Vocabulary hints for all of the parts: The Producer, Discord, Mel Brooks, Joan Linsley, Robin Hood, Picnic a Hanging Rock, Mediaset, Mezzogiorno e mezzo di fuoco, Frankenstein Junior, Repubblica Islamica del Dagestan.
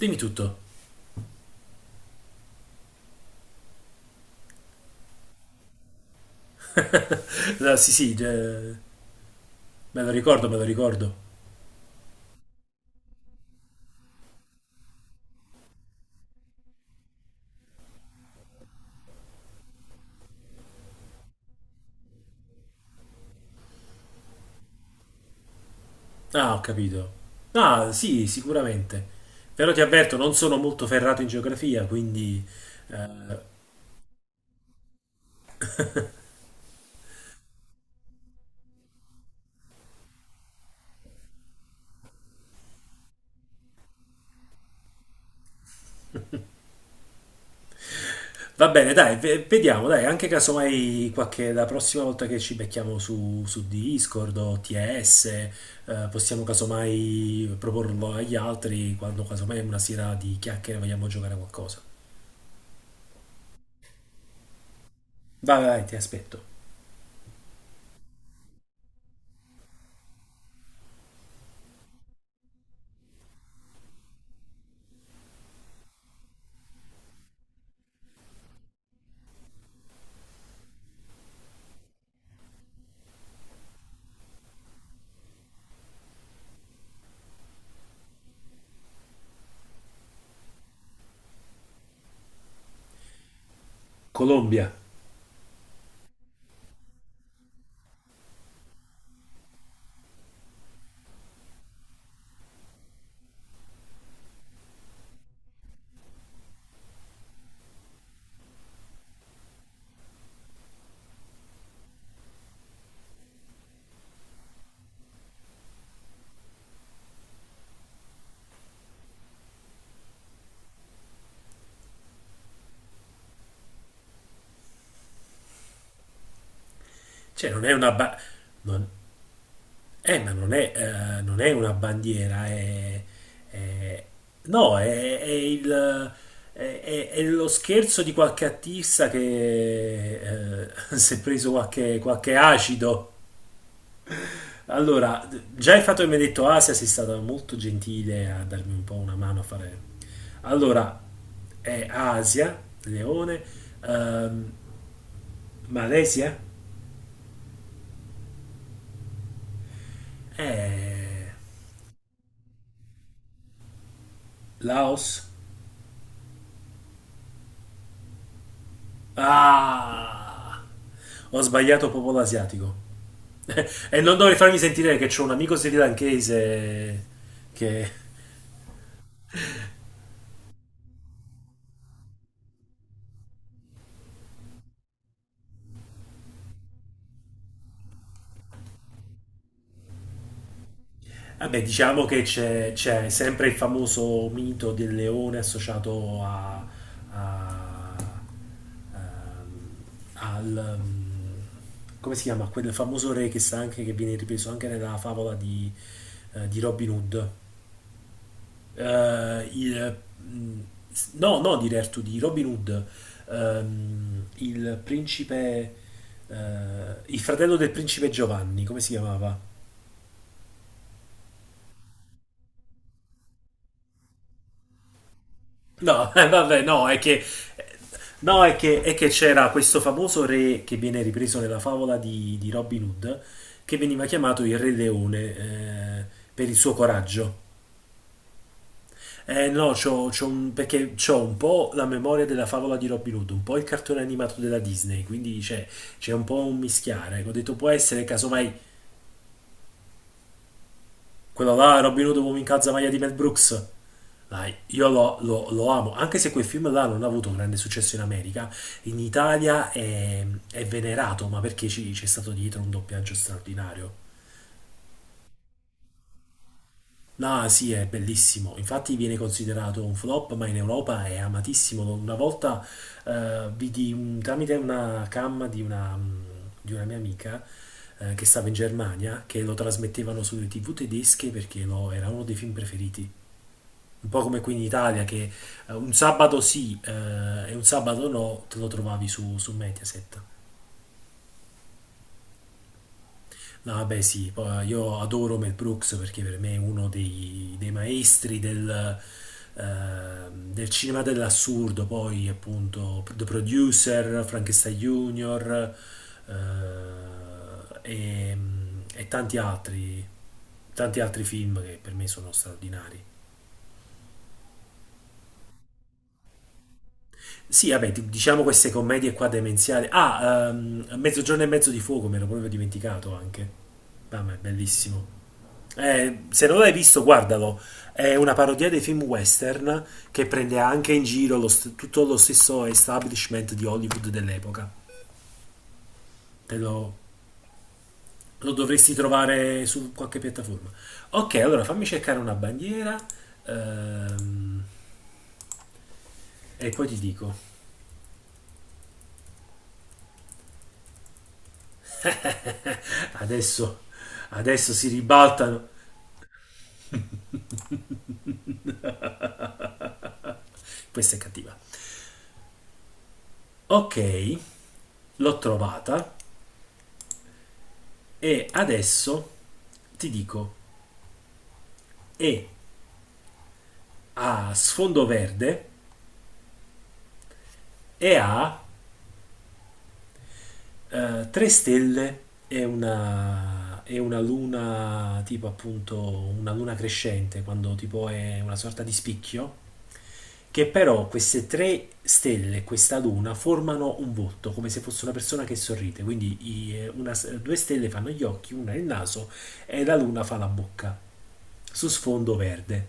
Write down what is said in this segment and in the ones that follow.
Dimmi tutto. Sì, sì, me lo ricordo, me lo ricordo. Ah, ho capito. Ah, sì, sicuramente. Però ti avverto, non sono molto ferrato in geografia, quindi... eh, va bene, dai, vediamo, dai, anche casomai qualche, la prossima volta che ci becchiamo su Discord o TS, possiamo casomai proporlo agli altri quando casomai una sera di chiacchiere vogliamo giocare a qualcosa. Vai, vai, ti aspetto. Colombia. Cioè, non è una... Ba- non- ma non è, non è una bandiera, è- no, è è lo scherzo di qualche artista che si è preso qualche acido. Allora, già il fatto che mi hai detto Asia sei stata molto gentile a darmi un po' una mano a fare. Allora, è Asia, Leone, ehm, Malesia, eh, Laos. Ah! Ho sbagliato popolo asiatico. E non dovrei farmi sentire che c'è un amico srilankese che... Vabbè, diciamo che c'è sempre il famoso mito del leone associato a... a- ehm, al... mm, come si chiama? Quel famoso re che sta anche, che viene ripreso anche nella favola di Robin Hood. eh, il- mh, no di Rare 2D, Robin Hood, il principe, eh, il fratello del principe Giovanni, come si chiamava? No, vabbè, no, è che c'era questo famoso re che viene ripreso nella favola di Robin Hood, che veniva chiamato il Re Leone, eh, per il suo coraggio. Eh no, c'ho un, perché c'ho un po' la memoria della favola di Robin Hood, un po' il cartone animato della Disney, c'è un po' un mischiare. Ecco, ho detto può essere casomai quello là, Robin Hood uomo in calzamaglia di Mel Brooks. Dai, lo amo, anche se quel film là non ha avuto grande successo in America, in Italia è venerato, ma perché c'è stato dietro un doppiaggio straordinario. No, sì, è bellissimo. Infatti viene considerato un flop, ma in Europa è amatissimo. Una volta tramite una cam di di una mia amica che stava in Germania, che lo trasmettevano sulle TV tedesche perché era uno dei film preferiti. Un po' come qui in Italia, che un sabato sì e un sabato no, te lo trovavi su Mediaset. No, vabbè, sì, poi io adoro Mel Brooks perché per me è uno dei maestri del, eh, del cinema dell'assurdo. Poi, appunto, The Producer, Frankenstein Junior eh, e, e tanti altri film che per me sono straordinari. Sì, vabbè, diciamo queste commedie qua demenziali. Ah, Mezzogiorno e mezzo di fuoco, me l'ho proprio dimenticato anche. Mamma, è bellissimo. Se non l'hai visto, guardalo. È una parodia dei film western che prende anche in giro tutto lo stesso establishment di Hollywood dell'epoca. Te lo, Lo dovresti trovare su qualche piattaforma. Ok, allora fammi cercare una bandiera ehm, e poi ti dico. Adesso, Adesso si ribaltano. Questa è cattiva. Ok, l'ho trovata e adesso ti dico è a sfondo verde e ha tre stelle e una luna, tipo appunto una luna crescente, quando tipo è una sorta di spicchio, che però queste tre stelle, questa luna, formano un volto, come se fosse una persona che sorride. Quindi i- una- due stelle fanno gli occhi, una il naso e la luna fa la bocca, su sfondo verde.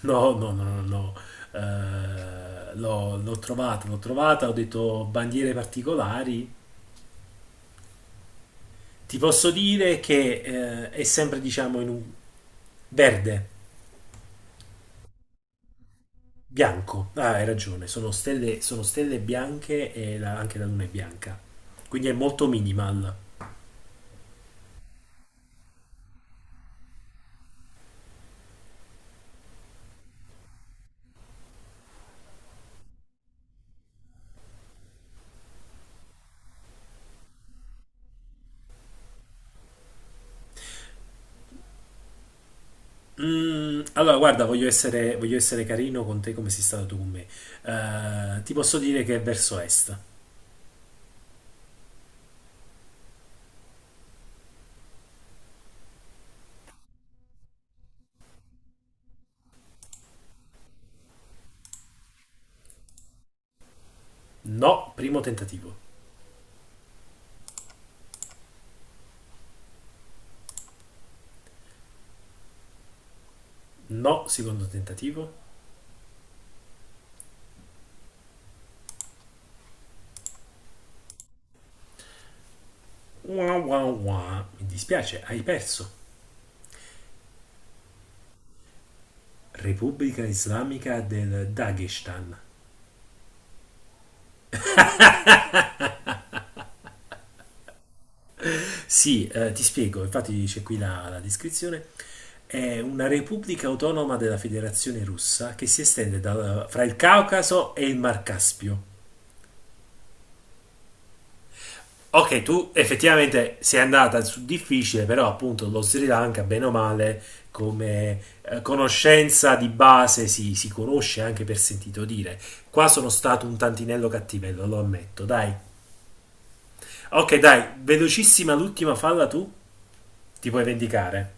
No, no, no, no, no. L'ho trovata, ho detto bandiere particolari. Ti posso dire che è sempre, diciamo, in un verde, bianco. Ah, hai ragione, sono stelle bianche e anche la luna è bianca. Quindi è molto minimal. Mm, allora, guarda, voglio essere carino con te come sei stato tu con me. Ti posso dire che è verso est. No, primo tentativo. No, secondo tentativo. Wah, wah, wah. Mi dispiace, hai perso. Repubblica Islamica del Dagestan. Sì, ti spiego, infatti c'è qui la descrizione. È una repubblica autonoma della Federazione Russa che si estende fra il Caucaso e il Mar Caspio. Ok, tu effettivamente sei andata su difficile, però appunto lo Sri Lanka, bene o male, come conoscenza di base si conosce anche per sentito dire. Qua sono stato un tantinello cattivello, lo ammetto, dai. Ok, dai, velocissima l'ultima falla tu, ti puoi vendicare.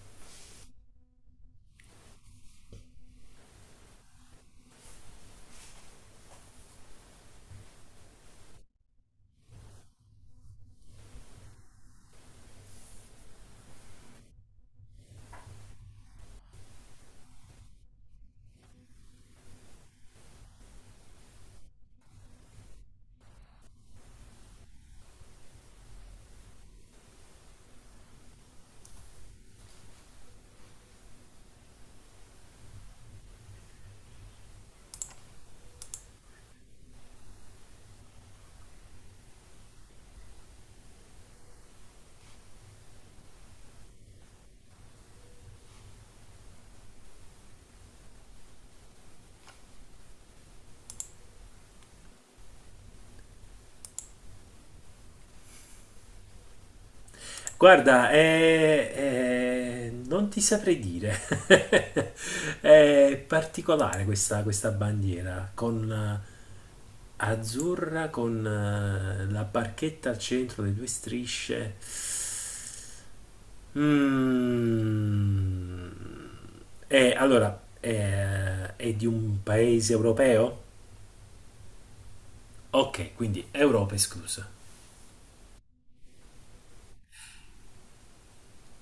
Guarda, non ti saprei dire. È particolare questa bandiera con azzurra, con la barchetta al centro, le due strisce. Mm. Allora, è di un paese europeo? Ok, quindi Europa esclusa.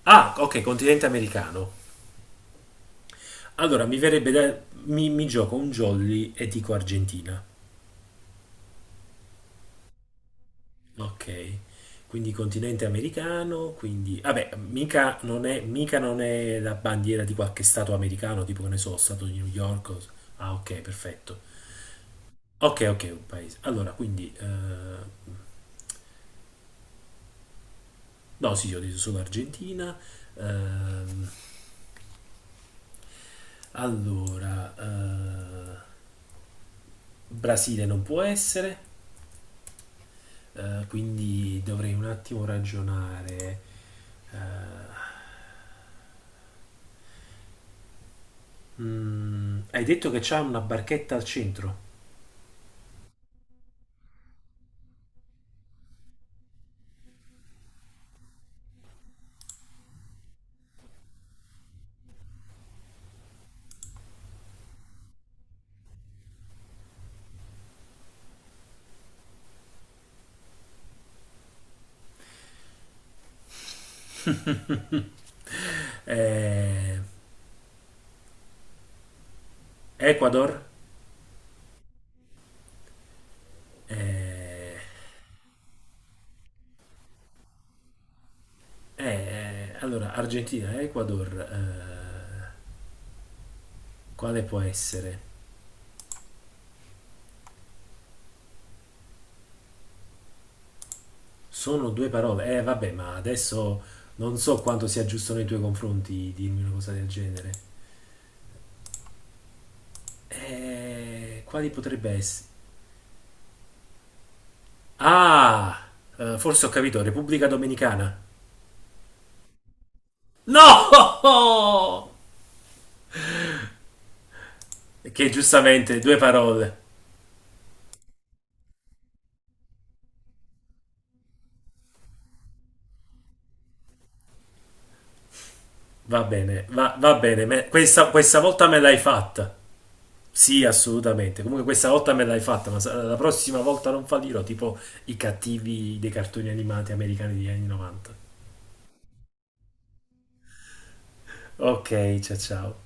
Ah, ok, continente americano. Allora, mi verrebbe da... mi gioco un jolly e dico Argentina. Ok, quindi continente americano, quindi... Vabbè, mica non è la bandiera di qualche stato americano, tipo che ne so, stato di New York. Ah, ok, perfetto. Ok, ok, un paese. Allora, quindi... no, sì, io ho detto solo Argentina. ehm, Allora, Brasile non può essere, quindi dovrei un attimo ragionare. eh, Hai detto che c'è una barchetta al centro? Eh, Ecuador, eh, allora Argentina, Ecuador, quale può essere? Sono due parole, eh vabbè, ma adesso non so quanto sia giusto nei tuoi confronti dirmi una cosa del genere. Quali potrebbe essere? Ah, forse ho capito, Repubblica Dominicana. No! Che giustamente due parole. Va bene, va bene, questa, questa volta me l'hai fatta. Sì, assolutamente. Comunque questa volta me l'hai fatta, ma la prossima volta non fallirò, tipo i cattivi dei cartoni animati americani degli anni 90. Ok, ciao ciao.